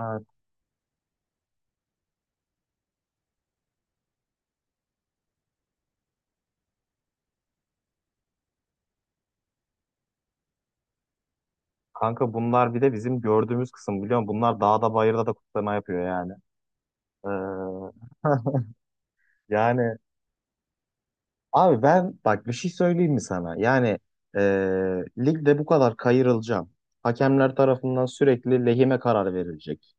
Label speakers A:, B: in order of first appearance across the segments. A: Evet. Kanka bunlar bir de bizim gördüğümüz kısım biliyor musun? Bunlar dağda bayırda da kutlama yapıyor yani. Ee, yani abi ben bak bir şey söyleyeyim mi sana? Yani ee, ligde bu kadar kayırılacağım. Hakemler tarafından sürekli lehime karar verilecek.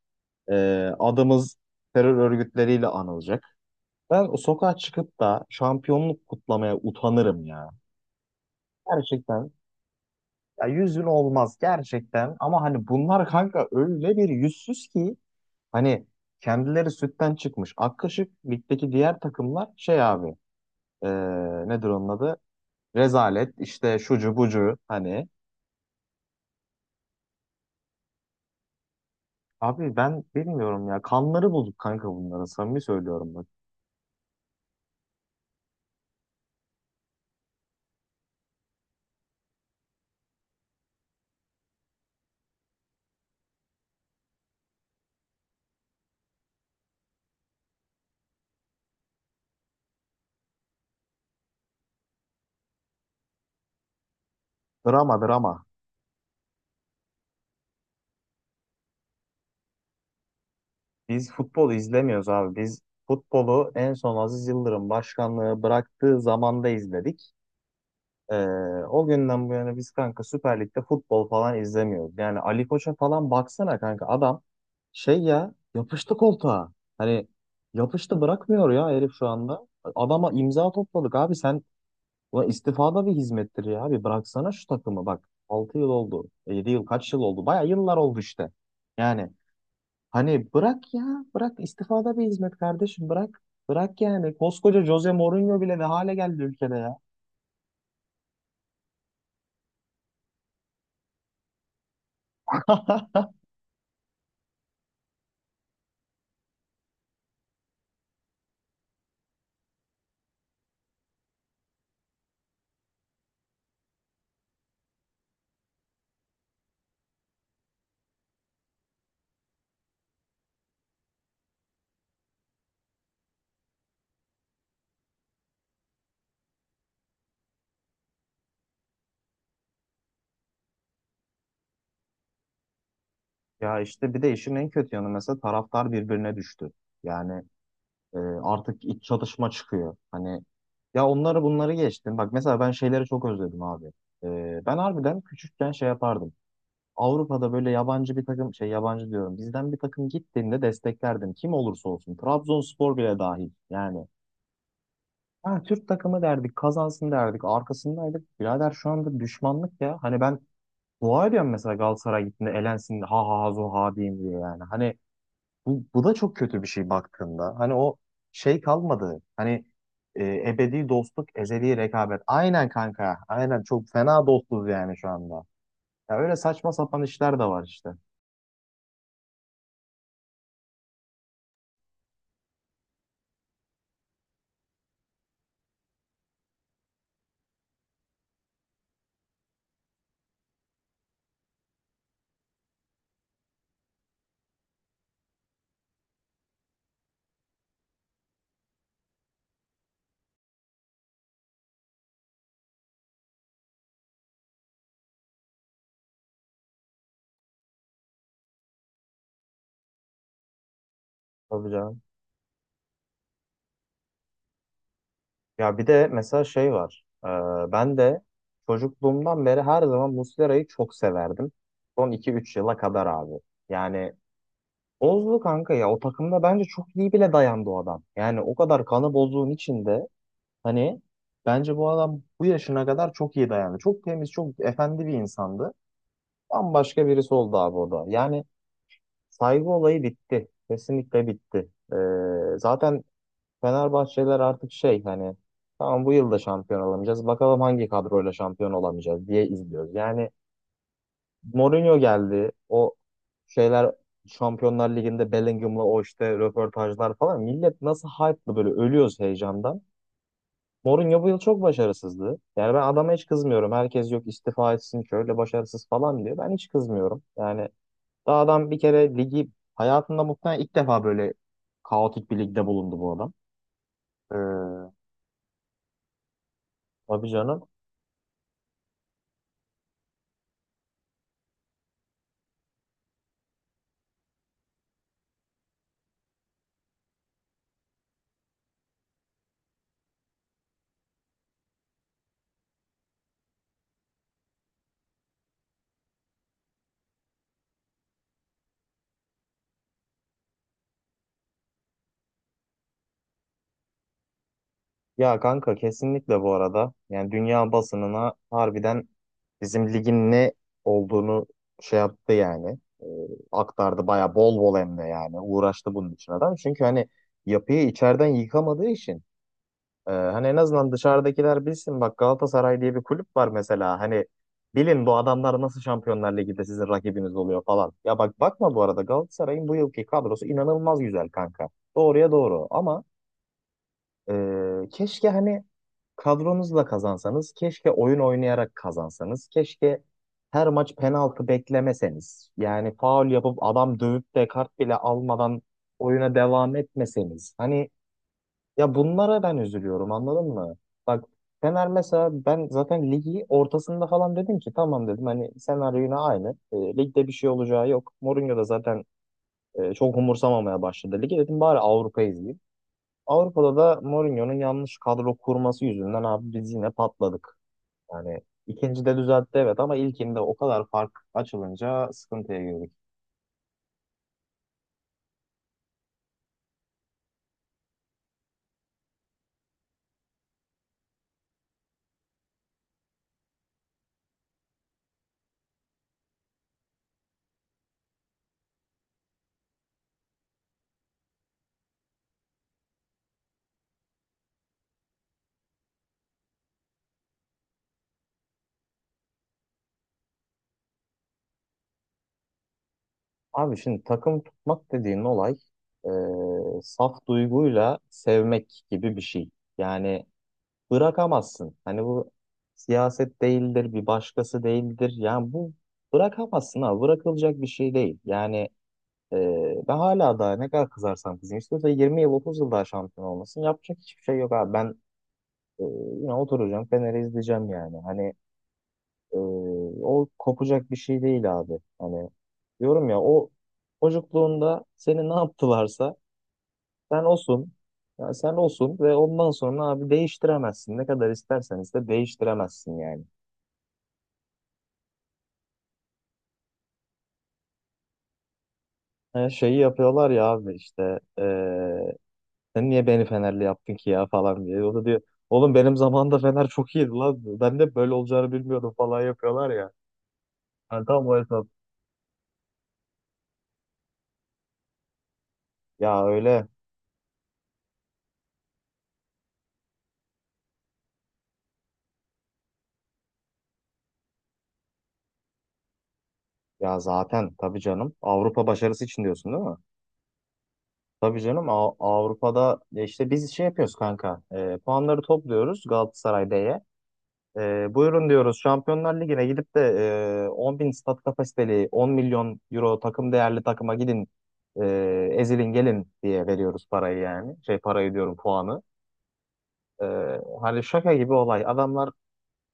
A: Adımız terör örgütleriyle anılacak. Ben o sokağa çıkıp da şampiyonluk kutlamaya utanırım ya. Gerçekten. Ya yüz bin olmaz gerçekten. Ama hani bunlar kanka öyle bir yüzsüz ki, hani kendileri sütten çıkmış ak kaşık. Ligdeki diğer takımlar şey abi, e, nedir onun adı? Rezalet işte, şucu bucu hani. Abi ben bilmiyorum ya, kanları bulduk kanka, bunlara samimi söylüyorum bak. Drama drama. Biz futbol izlemiyoruz abi. Biz futbolu en son Aziz Yıldırım başkanlığı bıraktığı zamanda izledik. Ee, O günden bu yana biz kanka Süper Lig'de futbol falan izlemiyoruz. Yani Ali Koç'a falan baksana kanka, adam şey ya, yapıştı koltuğa. Hani yapıştı, bırakmıyor ya herif şu anda. Adama imza topladık abi. Sen, ulan istifa da bir hizmettir ya abi, bıraksana şu takımı bak. Altı yıl oldu. Yedi yıl, kaç yıl oldu? Baya yıllar oldu işte. Yani hani bırak ya, bırak, istifa da bir hizmet kardeşim, bırak. Bırak yani, koskoca Jose Mourinho bile ne hale geldi ülkede ya. Ya işte bir de işin en kötü yanı, mesela taraftar birbirine düştü. Yani artık iç çatışma çıkıyor. Hani ya, onları bunları geçtim. Bak mesela ben şeyleri çok özledim abi. Ben harbiden küçükken şey yapardım. Avrupa'da böyle yabancı bir takım, şey, yabancı diyorum, bizden bir takım gittiğinde desteklerdim. Kim olursa olsun. Trabzonspor bile dahil. Yani ha, Türk takımı derdik, kazansın derdik. Arkasındaydık. Birader şu anda düşmanlık ya. Hani ben dua ediyorum mesela, Galatasaray gittiğinde elensin, ha ha ha zo ha diyeyim diye yani. Hani bu da çok kötü bir şey baktığında. Hani o şey kalmadı. Hani ebedi dostluk, ezeli rekabet. Aynen kanka. Aynen çok fena dostuz yani şu anda. Ya öyle saçma sapan işler de var işte. Tabii canım. Ya bir de mesela şey var. Ben de çocukluğumdan beri her zaman Muslera'yı çok severdim. Son iki üç yıla kadar abi. Yani bozdu kanka ya. O takımda bence çok iyi bile dayandı o adam. Yani o kadar kanı bozduğun içinde, hani bence bu adam bu yaşına kadar çok iyi dayandı. Çok temiz, çok efendi bir insandı. Bambaşka birisi oldu abi o da. Yani saygı olayı bitti. Kesinlikle bitti. Zaten Fenerbahçeliler artık şey, hani tamam bu yıl da şampiyon olamayacağız. Bakalım hangi kadroyla şampiyon olamayacağız diye izliyoruz. Yani Mourinho geldi. O şeyler, Şampiyonlar Ligi'nde Bellingham'la o işte röportajlar falan. Millet nasıl hype'lı, böyle ölüyoruz heyecandan. Mourinho bu yıl çok başarısızdı. Yani ben adama hiç kızmıyorum. Herkes yok istifa etsin, şöyle başarısız falan diyor. Ben hiç kızmıyorum. Yani daha adam bir kere ligi, hayatında muhtemelen ilk defa böyle kaotik bir ligde bulundu bu adam. Ee, tabii canım. Ya kanka kesinlikle bu arada. Yani dünya basınına harbiden bizim ligin ne olduğunu şey yaptı yani. Aktardı baya, bol bol hem de yani. Uğraştı bunun için adam. Çünkü hani yapıyı içeriden yıkamadığı için, hani en azından dışarıdakiler bilsin, bak Galatasaray diye bir kulüp var mesela, hani bilin bu adamlar nasıl Şampiyonlar Ligi'nde sizin rakibiniz oluyor falan. Ya bak, bakma bu arada, Galatasaray'ın bu yılki kadrosu inanılmaz güzel kanka. Doğruya doğru, ama keşke hani kadronuzla kazansanız, keşke oyun oynayarak kazansanız, keşke her maç penaltı beklemeseniz. Yani faul yapıp, adam dövüp de kart bile almadan oyuna devam etmeseniz. Hani ya, bunlara ben üzülüyorum, anladın mı? Bak, Fener mesela, ben zaten ligi ortasında falan dedim ki tamam dedim, hani senaryo yine aynı. Ligde bir şey olacağı yok. Mourinho da zaten çok umursamamaya başladı ligi, dedim bari Avrupa izleyeyim. Avrupa'da da Mourinho'nun yanlış kadro kurması yüzünden abi biz yine patladık. Yani ikincide düzeltti, evet, ama ilkinde o kadar fark açılınca sıkıntıya girdik. Abi şimdi takım tutmak dediğin olay, saf duyguyla sevmek gibi bir şey. Yani bırakamazsın. Hani bu siyaset değildir, bir başkası değildir. Yani bu, bırakamazsın ha, bırakılacak bir şey değil. Yani e, ben hala daha, ne kadar kızarsam kızayım, İstiyorsa 20 yıl, 30 yıl daha şampiyon olmasın, yapacak hiçbir şey yok abi. Ben e, yine oturacağım, Fener'i izleyeceğim yani. Hani e, o kopacak bir şey değil abi. Hani diyorum ya, o çocukluğunda seni ne yaptılarsa sen olsun. Ya sen olsun ve ondan sonra abi değiştiremezsin. Ne kadar istersen iste değiştiremezsin yani. Her şeyi yapıyorlar ya abi, işte sen niye beni Fenerli yaptın ki ya falan diye. O da diyor, oğlum benim zamanımda Fener çok iyiydi lan, ben de böyle olacağını bilmiyordum falan yapıyorlar ya. Yani tam o hesap. Ya öyle. Ya zaten tabii canım. Avrupa başarısı için diyorsun değil mi? Tabii canım, Avrupa'da ya işte biz şey yapıyoruz kanka. Puanları topluyoruz Galatasaray B'ye. Buyurun diyoruz. Şampiyonlar Ligi'ne gidip de 10 bin stat kapasiteli, 10 milyon euro takım değerli takıma gidin, ezilin gelin diye veriyoruz parayı yani. Şey parayı diyorum, puanı. E, Hani şaka gibi olay. Adamlar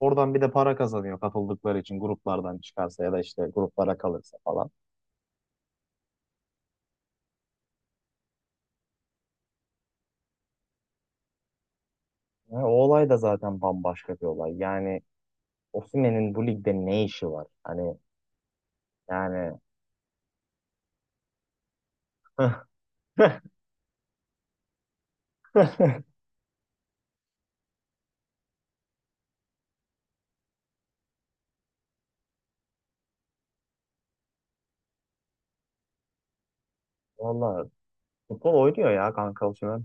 A: oradan bir de para kazanıyor katıldıkları için, gruplardan çıkarsa ya da işte gruplara kalırsa falan. O olay da zaten bambaşka bir olay. Yani Osimhen'in bu ligde ne işi var? Hani yani, valla futbol oynuyor ya kanka Osimhen.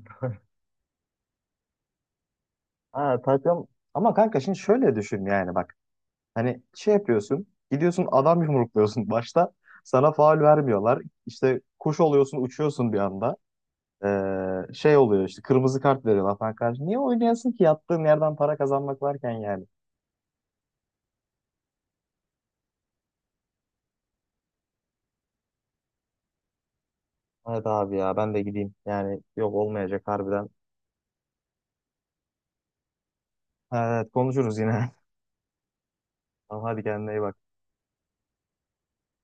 A: Ha, takım, ama kanka şimdi şöyle düşün yani, bak hani şey yapıyorsun, gidiyorsun adam yumrukluyorsun, başta sana faul vermiyorlar, işte kuş oluyorsun, uçuyorsun bir anda. Şey oluyor işte, kırmızı kart veriyorlar falan, karşı niye oynayasın ki, yattığın yerden para kazanmak varken yani. Evet abi, ya ben de gideyim yani, yok olmayacak harbiden. Evet, konuşuruz yine. Tamam, hadi kendine iyi bak.